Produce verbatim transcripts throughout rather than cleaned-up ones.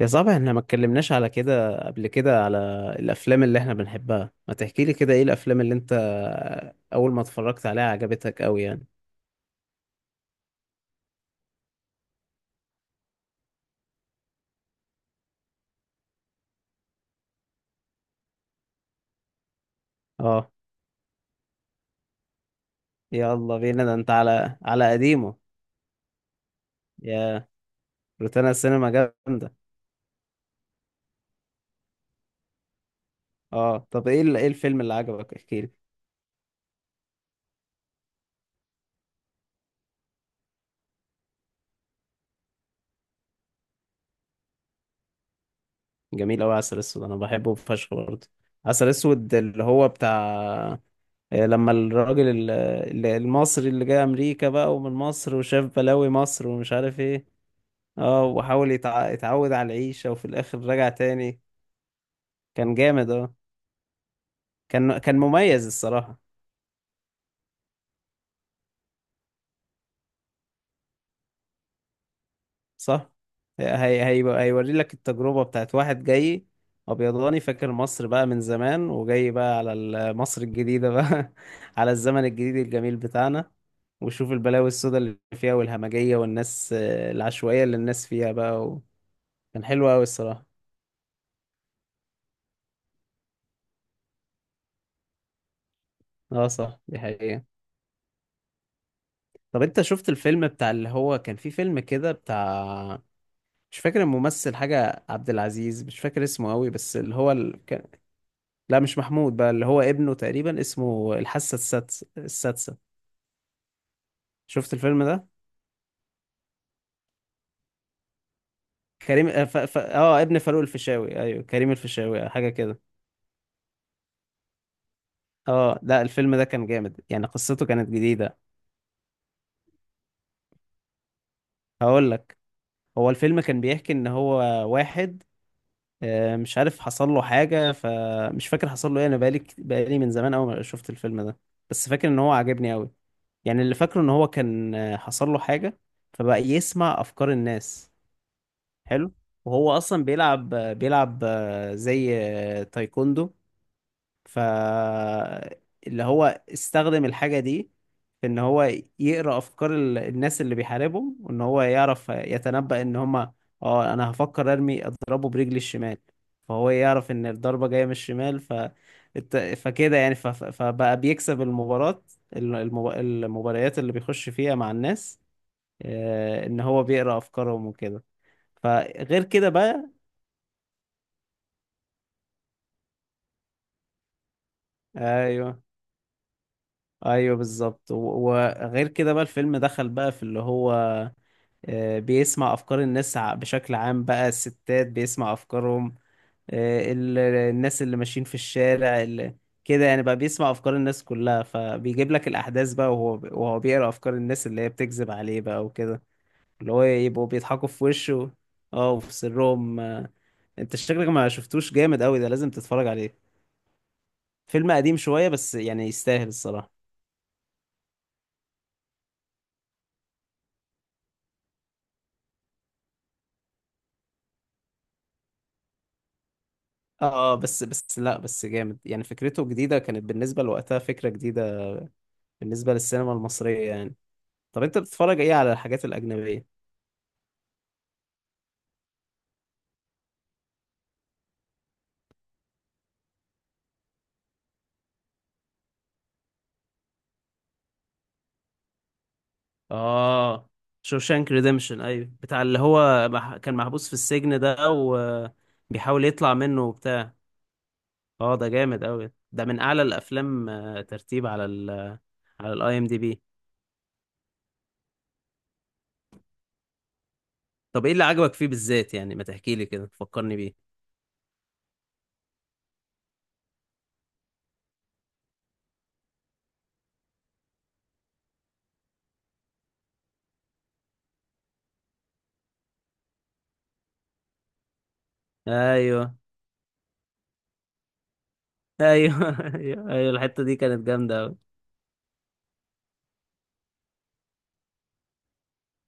يا صاحبي، احنا ما اتكلمناش على كده قبل كده على الافلام اللي احنا بنحبها. ما تحكي لي كده ايه الافلام اللي انت اول ما اتفرجت عليها عجبتك قوي يعني؟ اه، يلا بينا، ده انت على على قديمه. يا روتانا السينما جامده. اه، طب ايه ال- ايه الفيلم اللي عجبك؟ احكي لي. جميل قوي. عسل اسود انا بحبه فشخ برضه. عسل اسود اللي هو بتاع، آه، لما الراجل ال- ال- المصري اللي جاي امريكا بقى ومن مصر وشاف بلاوي مصر ومش عارف ايه. اه، وحاول يتع... يتعود على العيشة وفي الاخر رجع تاني. كان جامد، اه. كان كان مميز الصراحة. صح. هي... هي... هيوري لك التجربة بتاعت واحد جاي ابيضاني، فاكر مصر بقى من زمان وجاي بقى على ال- مصر الجديدة بقى على الزمن الجديد الجميل بتاعنا. وشوف البلاوي السوداء اللي فيها والهمجية والناس، آه، العشوائية اللي الناس فيها بقى و... كان حلو قوي الصراحة. اه، صح، دي حقيقة. طب انت شفت الفيلم بتاع اللي هو كان في فيلم كده بتاع، مش فاكر الممثل حاجة عبد العزيز، مش فاكر اسمه قوي، بس اللي هو ال... كان... لا مش محمود، بقى اللي هو ابنه تقريبا، اسمه الحاسة السادسة. السادسة شفت الفيلم ده؟ كريم، اه، ف... ف... اه ابن فاروق الفيشاوي، ايوه كريم الفيشاوي حاجة كده. اه، لا، الفيلم ده كان جامد يعني، قصته كانت جديدة. هقول لك. هو الفيلم كان بيحكي ان هو واحد، آه، مش عارف حصل له حاجة، فمش فاكر حصل له ايه. انا بقالي كت- بقالي من زمان أوي ما شفت الفيلم ده. بس فاكر ان هو عجبني أوي. يعني اللي فاكره ان هو كان، آه، حصل له حاجة، فبقى يسمع افكار الناس. حلو. وهو اصلا بيلعب بيلعب آه، زي آه، تايكوندو. ف اللي هو استخدم الحاجة دي في ان هو يقرأ افكار ال- الناس اللي بيحاربهم، وان هو يعرف يتنبأ ان هما اه انا هفكر ارمي اضربه برجلي الشمال. فهو يعرف ان الضربة جاية من الشمال. ف الت- فكده يعني، ف... ف- فبقى بيكسب المباراة. الم- المب... المباريات اللي بيخش فيها مع الناس، آه، ان هو بيقرأ افكارهم وكده. فغير كده بقى، ايوه ايوه، بالظبط. و- وغير كده بقى الفيلم دخل بقى في اللي هو آه، بيسمع افكار الناس ع- بشكل عام، بقى الستات بيسمع افكارهم. آه، ال- الناس اللي ماشيين في الشارع اللي كده يعني، بقى بيسمع افكار الناس كلها. فبيجيب لك الاحداث بقى، وهو وهو بيقرا افكار الناس اللي هي بتكذب عليه بقى وكده. اللي هو يبقوا بيضحكوا في وشه اه وفي سرهم. آه. انت شكلك ما شفتوش. جامد قوي ده، لازم تتفرج عليه. فيلم قديم شوية بس يعني، يستاهل الصراحة. اه، بس بس لا بس جامد يعني، فكرته جديدة كانت بالنسبة لوقتها، فكرة جديدة بالنسبة للسينما المصرية يعني. طب انت بتتفرج ايه على الحاجات الأجنبية؟ اه، شوشانك ريديمشن، ايوه بتاع اللي هو مح... كان محبوس في السجن ده، وبيحاول يطلع منه وبتاع. اه، ده جامد قوي، ده من اعلى الافلام آه، ترتيب على ال على الاي ام دي بي. طب ايه اللي عجبك فيه بالذات يعني؟ ما تحكي لي كده، فكرني بيه. ايوه ايوه ايوه ايوه، الحتة دي كانت جامدة قوي.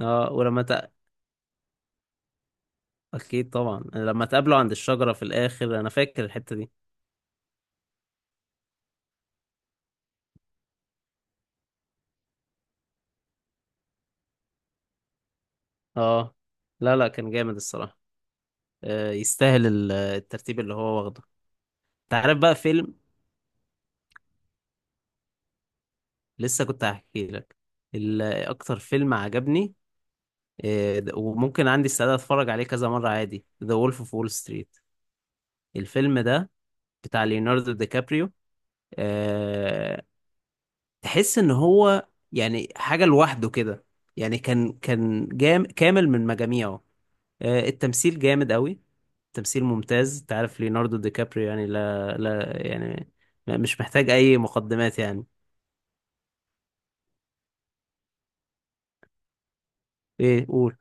اه، ولما ت... اكيد طبعا، لما اتقابلوا عند الشجرة في الاخر، انا فاكر الحتة دي. اه، لا لا، كان جامد الصراحة. آه يستاهل ال- الترتيب اللي هو واخده. انت عارف بقى فيلم، لسه كنت هحكي لك ال- اكتر فيلم عجبني، آه د- وممكن عندي استعداد اتفرج عليه كذا مرة عادي، ذا وولف اوف وول ستريت. الفيلم ده بتاع ليوناردو دي كابريو. آه تحس ان هو يعني حاجة لوحده كده. يعني كان كان جام كامل من مجاميعه. آه، التمثيل جامد قوي، تمثيل ممتاز. انت عارف ليوناردو دي كابريو يعني، لا لا يعني م- مش محتاج اي مقدمات يعني. ايه؟ قول.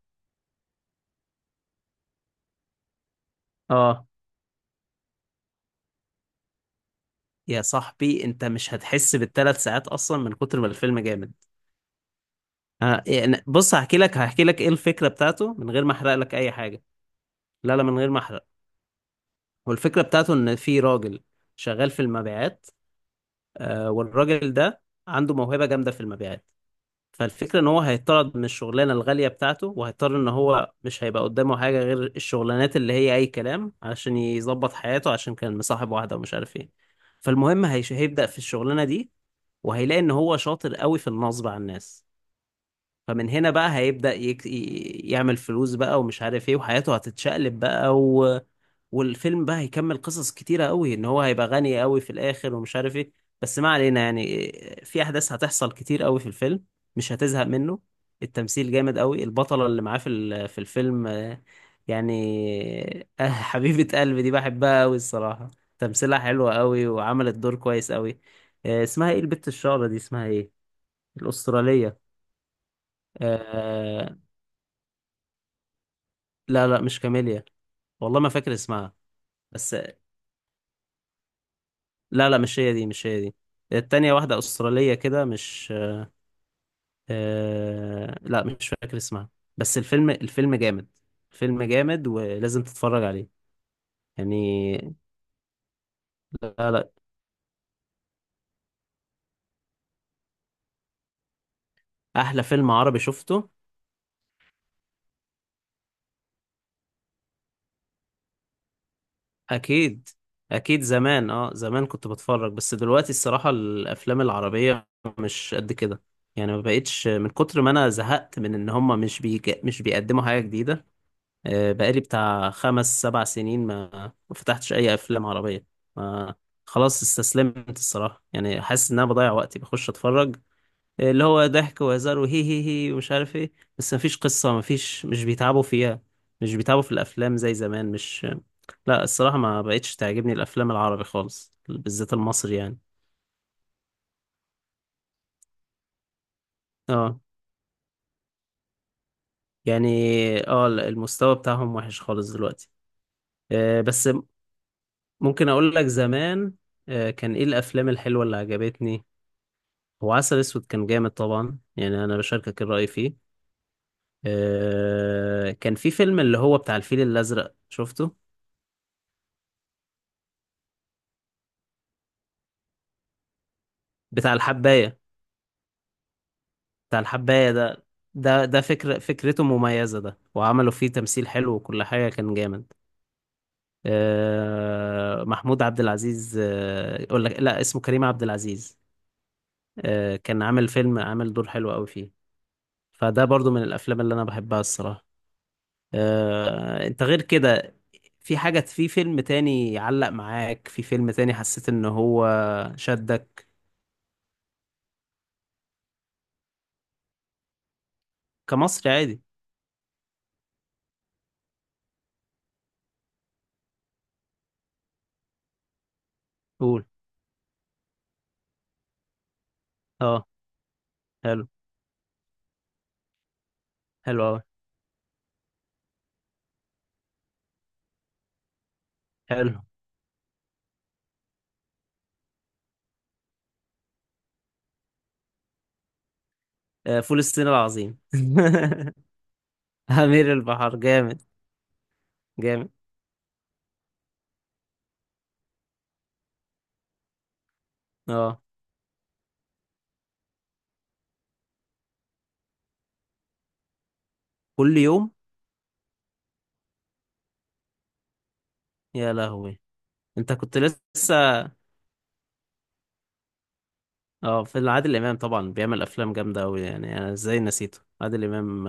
اه، يا صاحبي، انت مش هتحس بالثلاث ساعات اصلا من كتر ما الفيلم جامد. آه يعني بص، هحكي لك هحكي لك ايه الفكره بتاعته من غير ما احرق لك اي حاجه. لا لا، من غير ما احرق. والفكره بتاعته ان في راجل شغال في المبيعات، آه والراجل ده عنده موهبه جامده في المبيعات. فالفكرة ان هو هيطرد من الشغلانة الغالية بتاعته، وهيضطر ان هو مش هيبقى قدامه حاجة غير الشغلانات اللي هي اي كلام علشان يظبط حياته، عشان كان مصاحب واحدة ومش عارف ايه. فالمهم هيش- هيبدأ في الشغلانة دي، وهيلاقي ان هو شاطر قوي في النصب على الناس. فمن هنا بقى هيبدأ يك... ي- يعمل فلوس بقى ومش عارف ايه، وحياته هتتشقلب بقى و... والفيلم بقى هيكمل قصص كتيرة قوي، ان هو هيبقى غني قوي في الاخر ومش عارف ايه. بس ما علينا يعني، في احداث هتحصل كتير قوي في الفيلم، مش هتزهق منه. التمثيل جامد قوي. البطلة اللي معاه في ال- في الفيلم، آه، يعني آه، حبيبة قلبي دي بحبها قوي الصراحة، تمثيلها حلوة قوي وعملت دور كويس قوي. آه، اسمها ايه البت الشعرة دي؟ اسمها ايه الأسترالية؟ آه، لا لا مش كاميليا، والله ما فاكر اسمها. بس لا لا، مش هي دي، مش هي دي. التانية واحدة أسترالية كده، مش... آه... لا مش فاكر اسمها. بس الفيلم الفيلم جامد، الفيلم جامد ولازم تتفرج عليه يعني. لا لا، أحلى فيلم عربي شفته. أكيد أكيد. زمان أه، زمان كنت بتفرج، بس دلوقتي الصراحة الأفلام العربية مش قد كده يعني. ما بقتش، من كتر ما أنا زهقت من إن هما مش بيج... مش بيقدموا حاجة جديدة. آه، بقالي بتاع خمس سبع سنين ما ما فتحتش أي أفلام عربية ما خلاص. استسلمت الصراحة يعني، حاسس إن أنا بضيع وقتي بخش أتفرج آه، اللي هو ضحك وهزار وهي هي هي ومش عارف إيه. بس مفيش قصة، مفيش، مش بيتعبوا فيها. مش بيتعبوا في الأفلام زي زمان، مش... لا الصراحة ما بقتش تعجبني الأفلام العربي خالص، بالذات المصري يعني. اه يعني، اه، المستوى بتاعهم وحش خالص دلوقتي. آه، بس ممكن أقول لك زمان آه، كان ايه الافلام الحلوه اللي عجبتني. هو عسل اسود كان جامد طبعا يعني، انا بشاركك الرأي فيه. آه كان في فيلم اللي هو بتاع الفيل الازرق، شفته؟ بتاع الحباية. بتاع الحباية ده، ده ده فكرة فكرته مميزة، ده وعملوا فيه تمثيل حلو، وكل حاجة كان جامد. آه محمود عبد العزيز، آه يقول لك لا، اسمه كريم عبد العزيز. آه كان عامل فيلم، عامل دور حلو قوي فيه، فده برضو من الافلام اللي انا بحبها الصراحة. آه انت غير كده، في حاجة في فيلم تاني يعلق معاك، في فيلم تاني حسيت ان هو شدك؟ كمصري عادي. قول. اه. حلو. حلو اوي. حلو. آه، فول الصين العظيم. أمير البحر جامد. جامد. اه. كل يوم. يا لهوي. انت كنت لسه. اه، في عادل امام طبعا بيعمل افلام جامده قوي يعني. انا ازاي نسيته عادل امام؟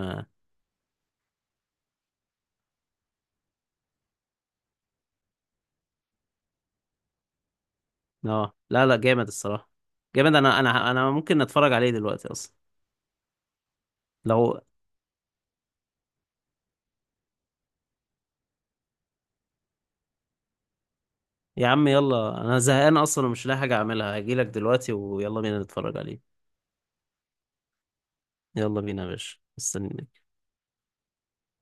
اه، لا لا، جامد الصراحه. جامد، انا انا انا ممكن اتفرج عليه دلوقتي اصلا. لو... يا عم يلا، انا زهقان اصلا ومش لاقي حاجه اعملها، هجيلك دلوقتي ويلا بينا نتفرج عليه. يلا بينا يا باشا، مستني.